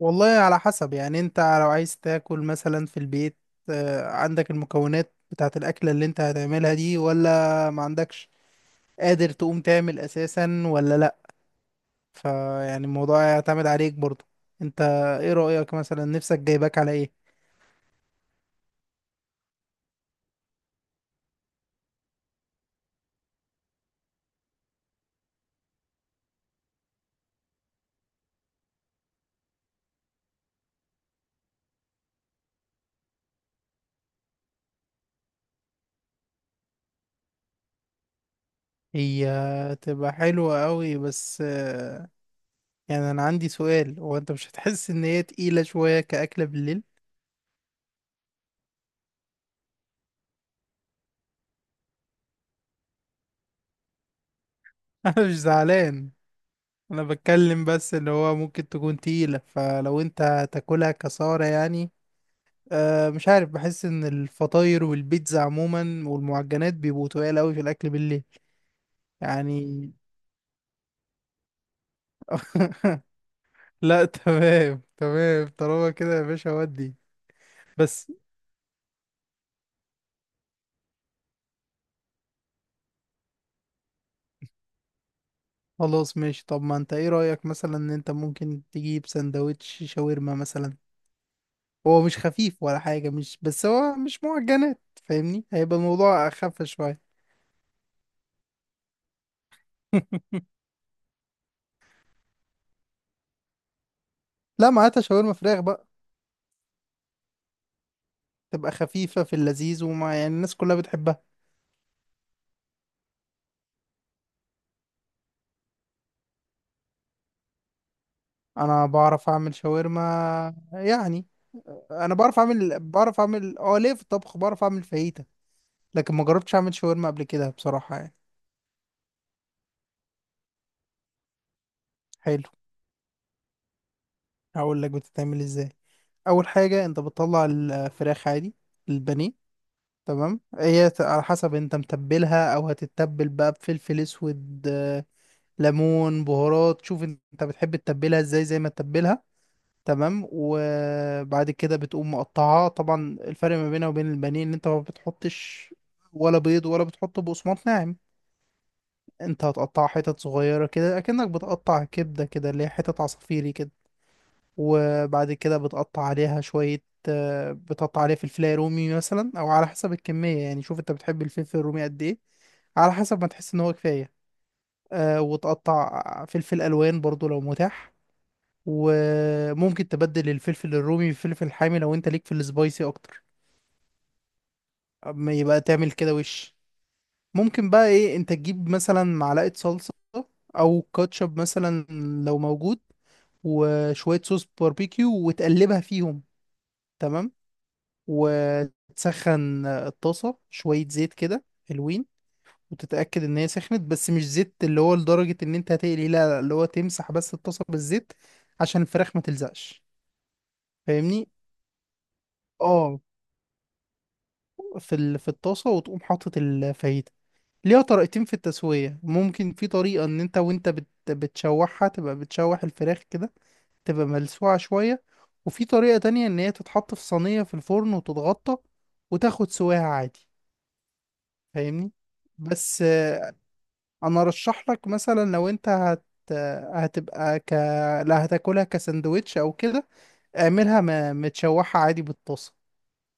والله، على حسب. يعني انت لو عايز تاكل مثلا في البيت، عندك المكونات بتاعت الأكلة اللي انت هتعملها دي ولا ما عندكش؟ قادر تقوم تعمل أساسا ولا لأ؟ فيعني الموضوع يعتمد عليك برضو انت. ايه رأيك مثلا؟ نفسك جايباك على ايه؟ هي تبقى حلوة قوي بس يعني انا عندي سؤال، هو انت مش هتحس ان هي تقيلة شوية كأكلة بالليل؟ انا مش زعلان، انا بتكلم بس اللي هو ممكن تكون تقيلة، فلو انت تاكلها كسارة يعني. أه مش عارف، بحس ان الفطاير والبيتزا عموما والمعجنات بيبقوا تقال اوي في الاكل بالليل. يعني لا، تمام تمام طالما كده يا باشا ودي. بس خلاص ماشي. طب ما انت ايه رأيك مثلا ان انت ممكن تجيب سندوتش شاورما مثلا؟ هو مش خفيف ولا حاجة، مش بس هو مش معجنات فاهمني، هيبقى الموضوع اخف شوية. لا ما هاتها شاورما فراخ بقى، تبقى خفيفة في اللذيذ، وما يعني الناس كلها بتحبها. انا بعرف اعمل شاورما يعني. انا بعرف اعمل اه، ليه في الطبخ بعرف اعمل فاهيتا، لكن ما جربتش اعمل شاورما قبل كده بصراحة يعني. حلو، هقول لك بتتعمل ازاي. اول حاجة انت بتطلع الفراخ عادي، البانيه. تمام، على حسب انت متبلها او هتتبل بقى بفلفل اسود، ليمون، بهارات. شوف انت بتحب تتبلها ازاي، زي ما تتبلها. تمام، وبعد كده بتقوم مقطعها. طبعا الفرق ما بينها وبين البانيه ان انت ما بتحطش ولا بيض ولا بتحط بقسماط ناعم. انت هتقطع حتت صغيرة كده اكنك بتقطع كبدة كده، اللي هي حتت عصافيري كده. وبعد كده بتقطع عليها شوية. بتقطع عليها فلفلاية رومي مثلا، او على حسب الكمية يعني. شوف انت بتحب الفلفل الرومي قد ايه، على حسب ما تحس ان هو كفاية. أه، وتقطع فلفل الوان برضو لو متاح. وممكن تبدل الفلفل الرومي بفلفل حامي لو انت ليك في السبايسي اكتر. اما يبقى تعمل كده وش، ممكن بقى ايه انت تجيب مثلا معلقة صلصة، او كاتشب مثلا لو موجود، وشوية صوص باربيكيو وتقلبها فيهم. تمام، وتسخن الطاسة شوية زيت كده حلوين. وتتأكد ان هي سخنت، بس مش زيت اللي هو لدرجة ان انت هتقلي، لا لا، اللي هو تمسح بس الطاسة بالزيت عشان الفراخ ما تلزقش فاهمني. اه، في الطاسة، وتقوم حاطط الفاهيتا. ليها طريقتين في التسوية. ممكن في طريقة ان انت بتشوحها، تبقى بتشوح الفراخ كده، تبقى ملسوعة شوية. وفي طريقة تانية ان هي تتحط في صينية في الفرن وتتغطى وتاخد سواها عادي فاهمني. بس انا ارشح لك مثلا لو انت هتبقى ك لا، هتاكلها كساندوتش او كده، متشوحة عادي بالطاسة.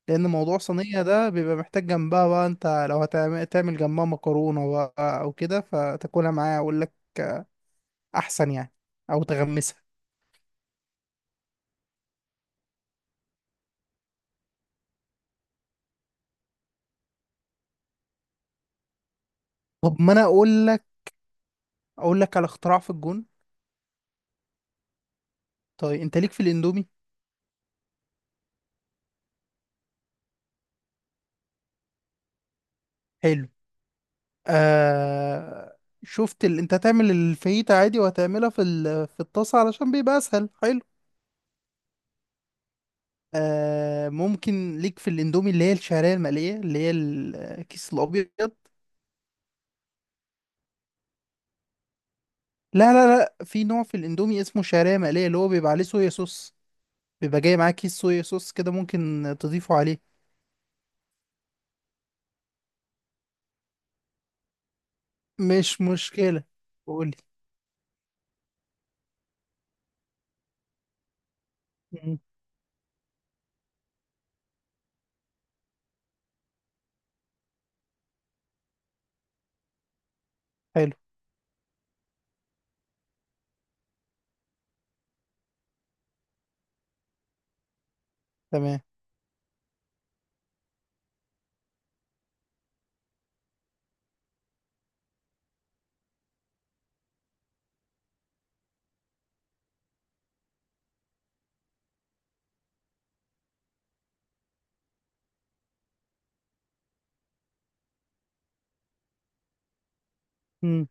لان موضوع صينيه ده بيبقى محتاج جنبها بقى. انت لو هتعمل جنبها مكرونه بقى او كده، فتاكلها معايا اقول لك احسن يعني، او تغمسها. طب ما انا اقول لك، اقول لك على اختراع في الجون. طيب انت ليك في الاندومي؟ حلو، آه. انت هتعمل الفاهيتا عادي وهتعملها في الطاسه علشان بيبقى اسهل. حلو آه. ممكن ليك في الاندومي اللي هي الشعريه المقليه، اللي هي الكيس الابيض. لا لا لا، في نوع في الاندومي اسمه شعريه مقليه، اللي هو بيبقى عليه صويا صوص، بيبقى جاي معاه كيس صويا صوص كده، ممكن تضيفه عليه. مش مشكلة، قولي. مم. حلو. تمام. مم.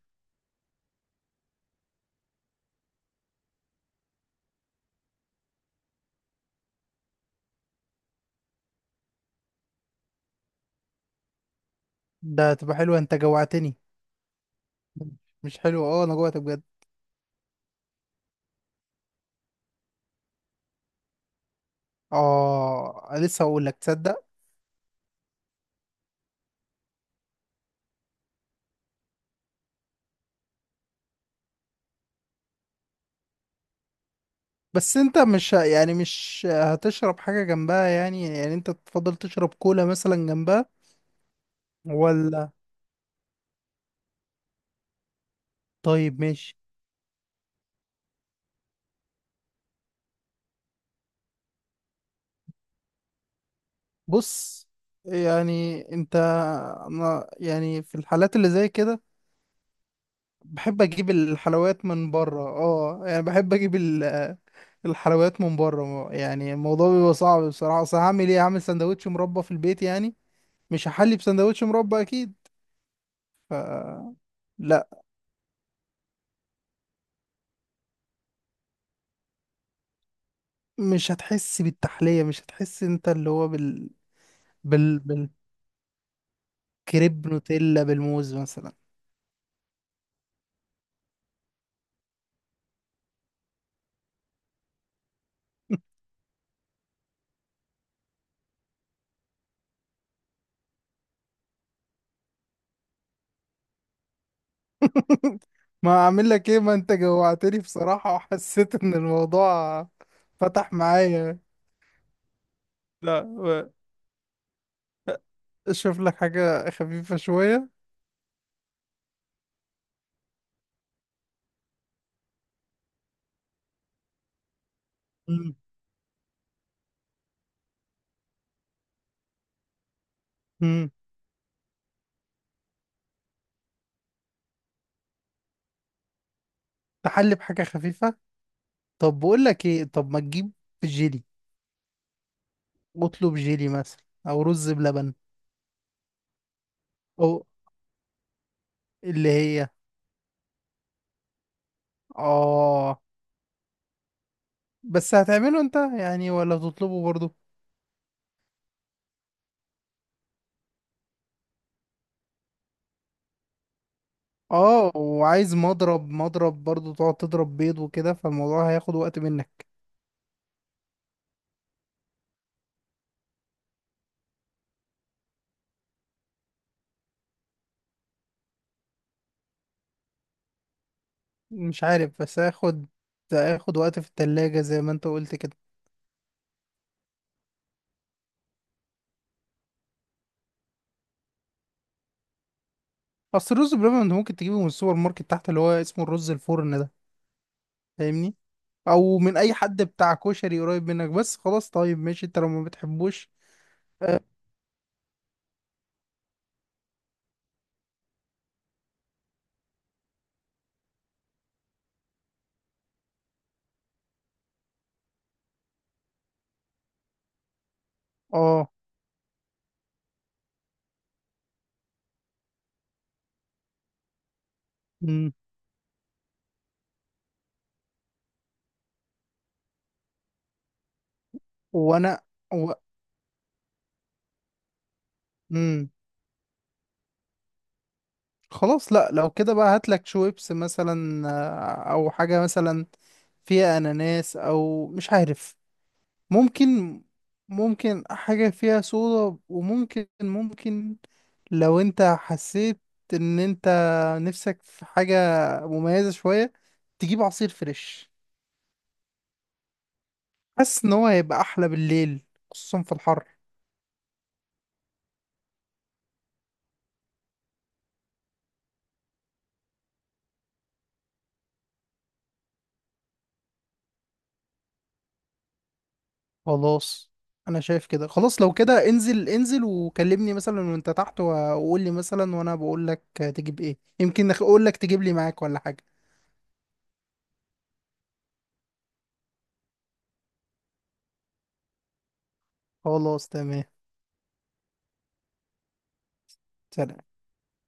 ده تبقى حلوة، انت جوعتني. مش حلو، اه انا جوعت بجد. اه لسه هقول لك، تصدق. بس انت مش ه- يعني مش هتشرب حاجة جنبها يعني؟ يعني انت تفضل تشرب كولا مثلا جنبها ولا؟ طيب ماشي. بص، يعني انت، انا يعني في الحالات اللي زي كده بحب اجيب الحلويات من بره، اه يعني بحب اجيب الحلويات من بره. يعني الموضوع بيبقى صعب بصراحه. اصل هعمل ايه، هعمل سندوتش مربى في البيت يعني؟ مش هحلي بسندوتش مربى اكيد. لا، مش هتحس بالتحليه. مش هتحس انت اللي هو بال بالكريب نوتيلا بالموز مثلا. ما اعمل لك ايه، ما انت جوعتني بصراحه وحسيت ان الموضوع فتح معايا. لا، اشوف لك حاجه خفيفه شويه. مم. تحلي بحاجة خفيفة. طب بقول لك ايه، طب ما تجيب جيلي. اطلب جيلي مثلا او رز بلبن. او اللي هي، اه. بس هتعمله انت يعني ولا تطلبه برضو؟ اه، وعايز مضرب برضو، تقعد تضرب بيض وكده، فالموضوع هياخد وقت منك. مش عارف، بس هياخد وقت في التلاجة زي ما انت قلت كده. اصل الرز بلبن انت ممكن تجيبه من السوبر ماركت تحت، اللي هو اسمه الرز الفرن ده، فاهمني. او من اي حد بتاع كشري قريب منك. بس خلاص، طيب ماشي انت لو ما بتحبوش. اه. آه. مم. وانا، و... مم. خلاص، لا لو كده بقى هاتلك شويبس مثلا، او حاجة مثلا فيها اناناس، او مش عارف. ممكن ممكن حاجة فيها صودا وممكن لو انت حسيت ان انت نفسك في حاجة مميزة شوية، تجيب عصير فريش. حاسس ان هو هيبقى احلى بالليل، خصوصا في الحر. خلاص، انا شايف كده. خلاص لو كده انزل انزل وكلمني مثلا وانت تحت، وقول لي مثلا، وانا بقول لك تجيب ايه، يمكن اقول لك تجيب لي معاك ولا حاجة. خلاص تمام. سلام.